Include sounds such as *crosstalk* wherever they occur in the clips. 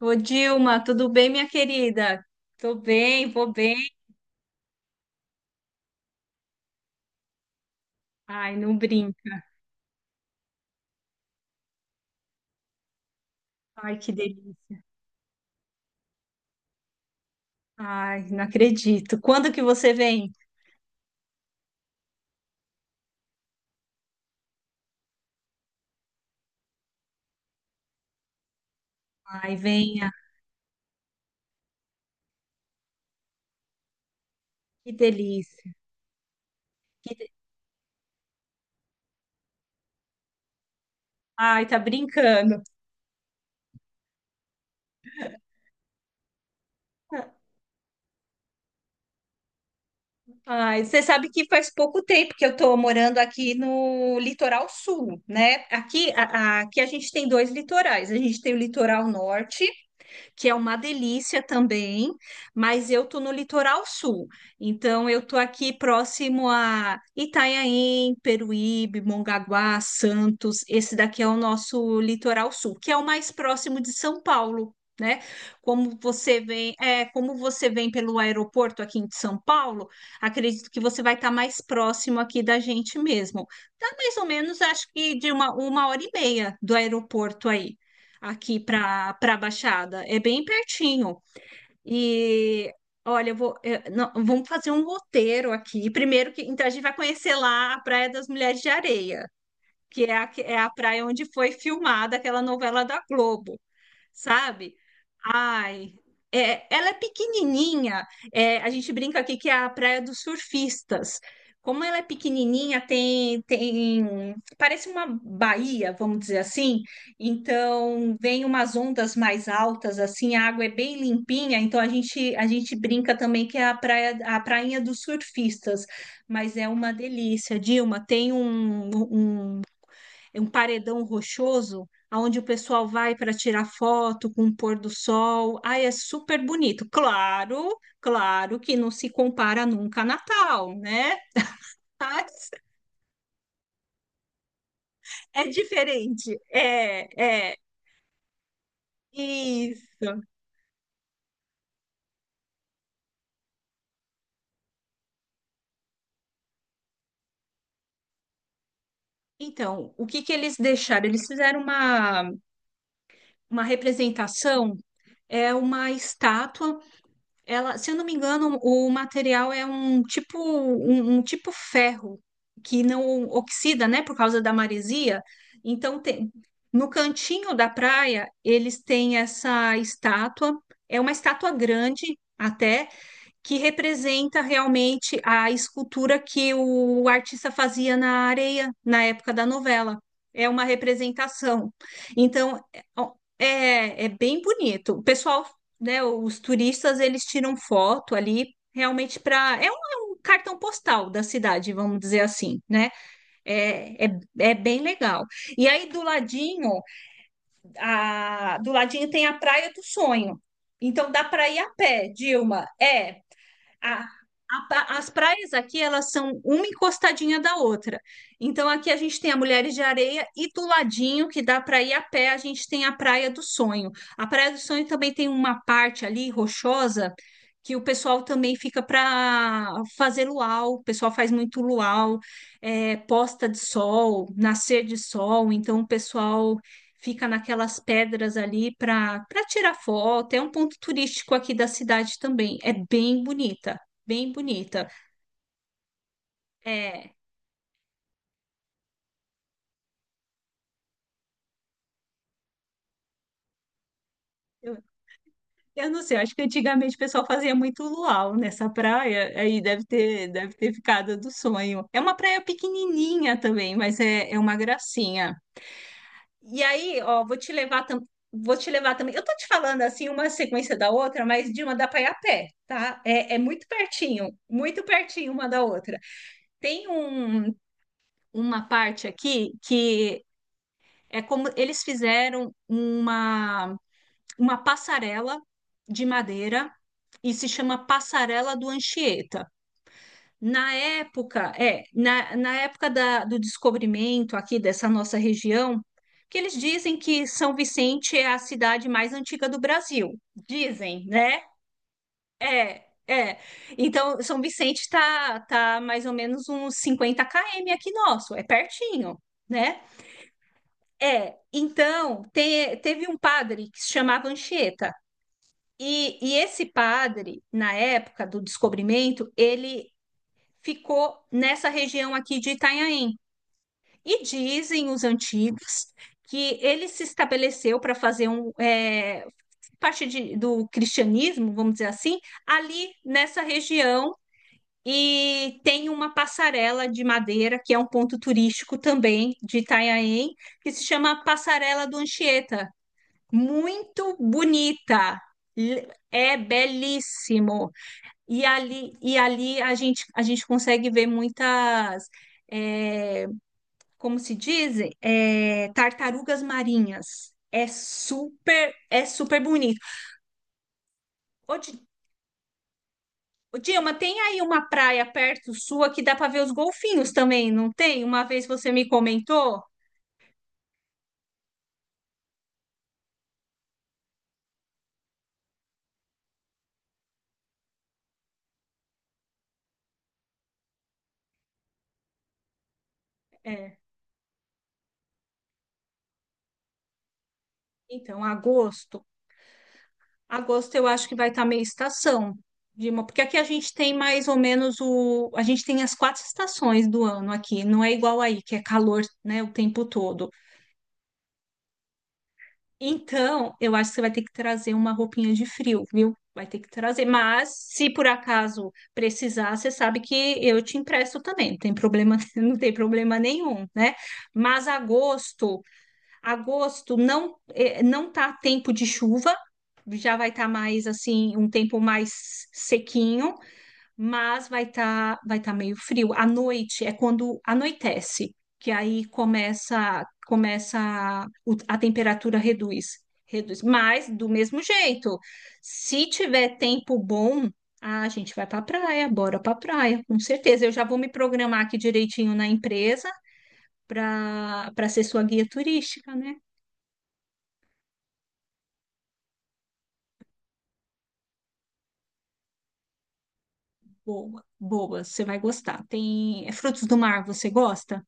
Ô, Dilma, tudo bem, minha querida? Tô bem, vou bem. Ai, não brinca. Ai, que delícia. Ai, não acredito. Quando que você vem? Ai, venha. Que delícia. Que de- Ai, tá brincando. Ai, você sabe que faz pouco tempo que eu tô morando aqui no litoral sul, né? Aqui a gente tem dois litorais. A gente tem o litoral norte que é uma delícia também, mas eu tô no litoral sul. Então eu tô aqui próximo a Itanhaém, Peruíbe, Mongaguá, Santos. Esse daqui é o nosso litoral sul, que é o mais próximo de São Paulo, né? Como você vem pelo aeroporto aqui de São Paulo, acredito que você vai estar mais próximo aqui da gente mesmo. Dá mais ou menos, acho que de uma hora e meia do aeroporto aí aqui para Baixada. É bem pertinho. E olha, não, vamos fazer um roteiro aqui. Primeiro que então a gente vai conhecer lá a Praia das Mulheres de Areia, que é a praia onde foi filmada aquela novela da Globo, sabe? Ai, é, ela é pequenininha. É, a gente brinca aqui que é a Praia dos Surfistas. Como ela é pequenininha, tem, parece uma baía, vamos dizer assim. Então, vem umas ondas mais altas, assim, a água é bem limpinha. Então, a gente brinca também que é a praia, a prainha dos surfistas. Mas é uma delícia, Dilma. Um é um paredão rochoso, aonde o pessoal vai para tirar foto com o pôr do sol. Ai, é super bonito. Claro que não se compara nunca a Natal, né? Tá? É diferente. É, é. Isso. Então, o que que eles deixaram? Uma representação, é uma estátua. Ela, se eu não me engano, o material é um tipo ferro que não oxida, né, por causa da maresia. Então tem, no cantinho da praia eles têm essa estátua. É uma estátua grande até que representa realmente a escultura que o artista fazia na areia na época da novela. É uma representação. Então, é, ó, é é bem bonito. O pessoal, né, os turistas, eles tiram foto ali realmente para. É um cartão postal da cidade, vamos dizer assim, né? É, é, é bem legal. E aí do ladinho, do ladinho tem a Praia do Sonho. Então dá para ir a pé, Dilma. É, a- as praias aqui, elas são uma encostadinha da outra. Então, aqui a gente tem a Mulheres de Areia e do ladinho, que dá para ir a pé, a gente tem a Praia do Sonho. A Praia do Sonho também tem uma parte ali, rochosa, que o pessoal também fica para fazer luau. O pessoal faz muito luau, é, posta de sol, nascer de sol. Então, o pessoal fica naquelas pedras ali para tirar foto. É um ponto turístico aqui da cidade também. É bem bonita, bem bonita. É, eu, eu não sei, acho que antigamente o pessoal fazia muito luau nessa praia, aí deve ter ficado do sonho. É uma praia pequenininha também, mas é, é uma gracinha. E aí, ó, vou te levar também. Eu tô te falando assim, uma sequência da outra, mas de uma dá pra ir a pé, tá? É, é muito pertinho uma da outra. Tem um, uma parte aqui que é como uma passarela de madeira e se chama Passarela do Anchieta. Na época, é, na época do descobrimento aqui dessa nossa região, que eles dizem que São Vicente é a cidade mais antiga do Brasil. Dizem, né? É, é. Então, São Vicente está tá tá mais ou menos uns 50 km aqui nosso, é pertinho, né? É, então, teve um padre que se chamava Anchieta. E, esse padre, na época do descobrimento, ele ficou nessa região aqui de Itanhaém. E dizem os antigos que ele se estabeleceu para fazer um, é, do cristianismo, vamos dizer assim, ali nessa região. E tem uma passarela de madeira, que é um ponto turístico também de Itanhaém, que se chama Passarela do Anchieta, muito bonita. É belíssimo. E ali, a gente consegue ver muitas, é, como se dizem, é, tartarugas marinhas. É super bonito. Ô, Di- ô, Dilma, tem aí uma praia perto sua que dá para ver os golfinhos também, não tem? Uma vez você me comentou. É, então, agosto. Agosto eu acho que vai estar meio estação, Dilma, porque aqui a gente tem mais ou menos o. A gente tem as quatro estações do ano aqui, não é igual aí, que é calor, né, o tempo todo. Então, eu acho que você vai ter que trazer uma roupinha de frio, viu? Vai ter que trazer. Mas, se por acaso precisar, você sabe que eu te empresto também, não tem problema, *laughs* não tem problema nenhum, né? Mas agosto. Agosto não não tá tempo de chuva, já vai estar mais assim, um tempo mais sequinho, mas vai tá meio frio. À noite é quando anoitece, que aí começa a temperatura reduz, reduz. Mas do mesmo jeito, se tiver tempo bom, a gente vai para praia, bora para praia, com certeza. Eu já vou me programar aqui direitinho na empresa para ser sua guia turística, né? Boa, boa, você vai gostar. Tem é, frutos do mar, você gosta?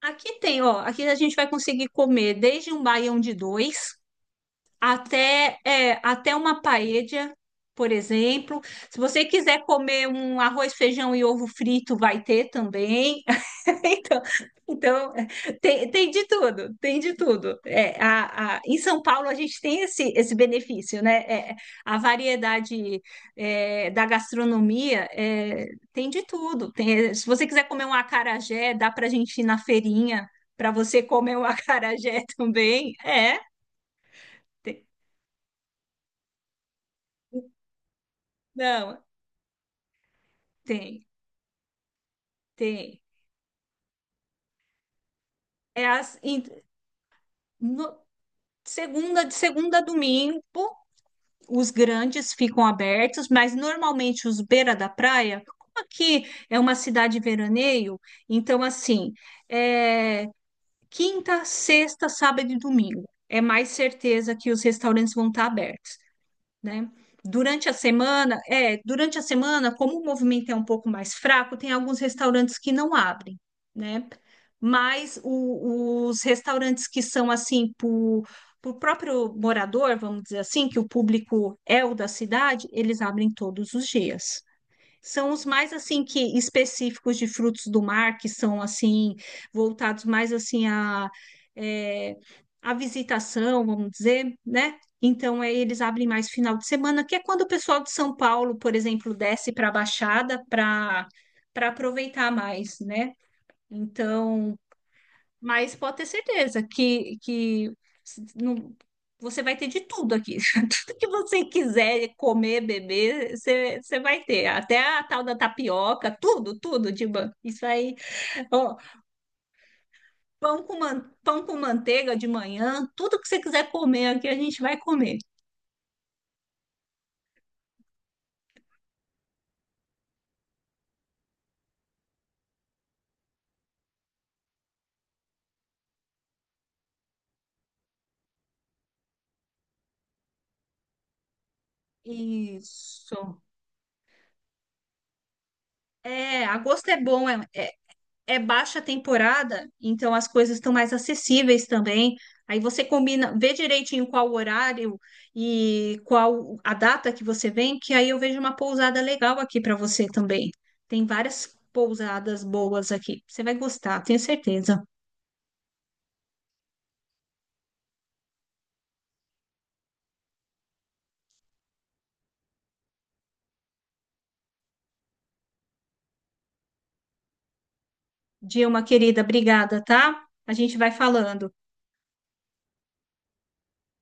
Aqui tem, ó. Aqui a gente vai conseguir comer desde um baião de dois. Até, é, até uma paella, por exemplo. Se você quiser comer um arroz, feijão e ovo frito, vai ter também. *laughs* Então, então é, tem, tem de tudo, tem de tudo. É, em São Paulo, a gente tem esse, esse benefício, né? É, a variedade é, da gastronomia é, tem de tudo. Se você quiser comer um acarajé, dá para a gente ir na feirinha para você comer um *laughs* acarajé também. É. tem- Não, tem, tem. É as, em- no- segunda, de segunda a domingo, os grandes ficam abertos, mas normalmente os beira da praia, como aqui é uma cidade veraneio, então assim, é, quinta, sexta, sábado e domingo. É mais certeza que os restaurantes vão estar abertos, né? Durante a semana, é, durante a semana, como o movimento é um pouco mais fraco, tem alguns restaurantes que não abrem, né? Mas os restaurantes que são assim, por próprio morador, vamos dizer assim, que o público é o da cidade, eles abrem todos os dias. São os mais assim que específicos de frutos do mar, que são assim voltados mais assim a é, a visitação, vamos dizer, né? Então aí eles abrem mais final de semana, que é quando o pessoal de São Paulo, por exemplo, desce para a Baixada para aproveitar mais, né? Então mas pode ter certeza que, s- não- você vai ter de tudo aqui. *laughs* Tudo que você quiser comer, beber, você, você vai ter. Até a tal da tapioca, tudo, tudo de ban. Isso aí, ó, pão com manteiga de manhã, tudo que você quiser comer aqui, a gente vai comer. Isso. É, agosto é bom, é, é, é baixa temporada, então as coisas estão mais acessíveis também. Aí você combina, vê direitinho qual o horário e qual a data que você vem, que aí eu vejo uma pousada legal aqui para você também. Tem várias pousadas boas aqui. Você vai gostar, tenho certeza. Dilma, querida, obrigada, tá? A gente vai falando.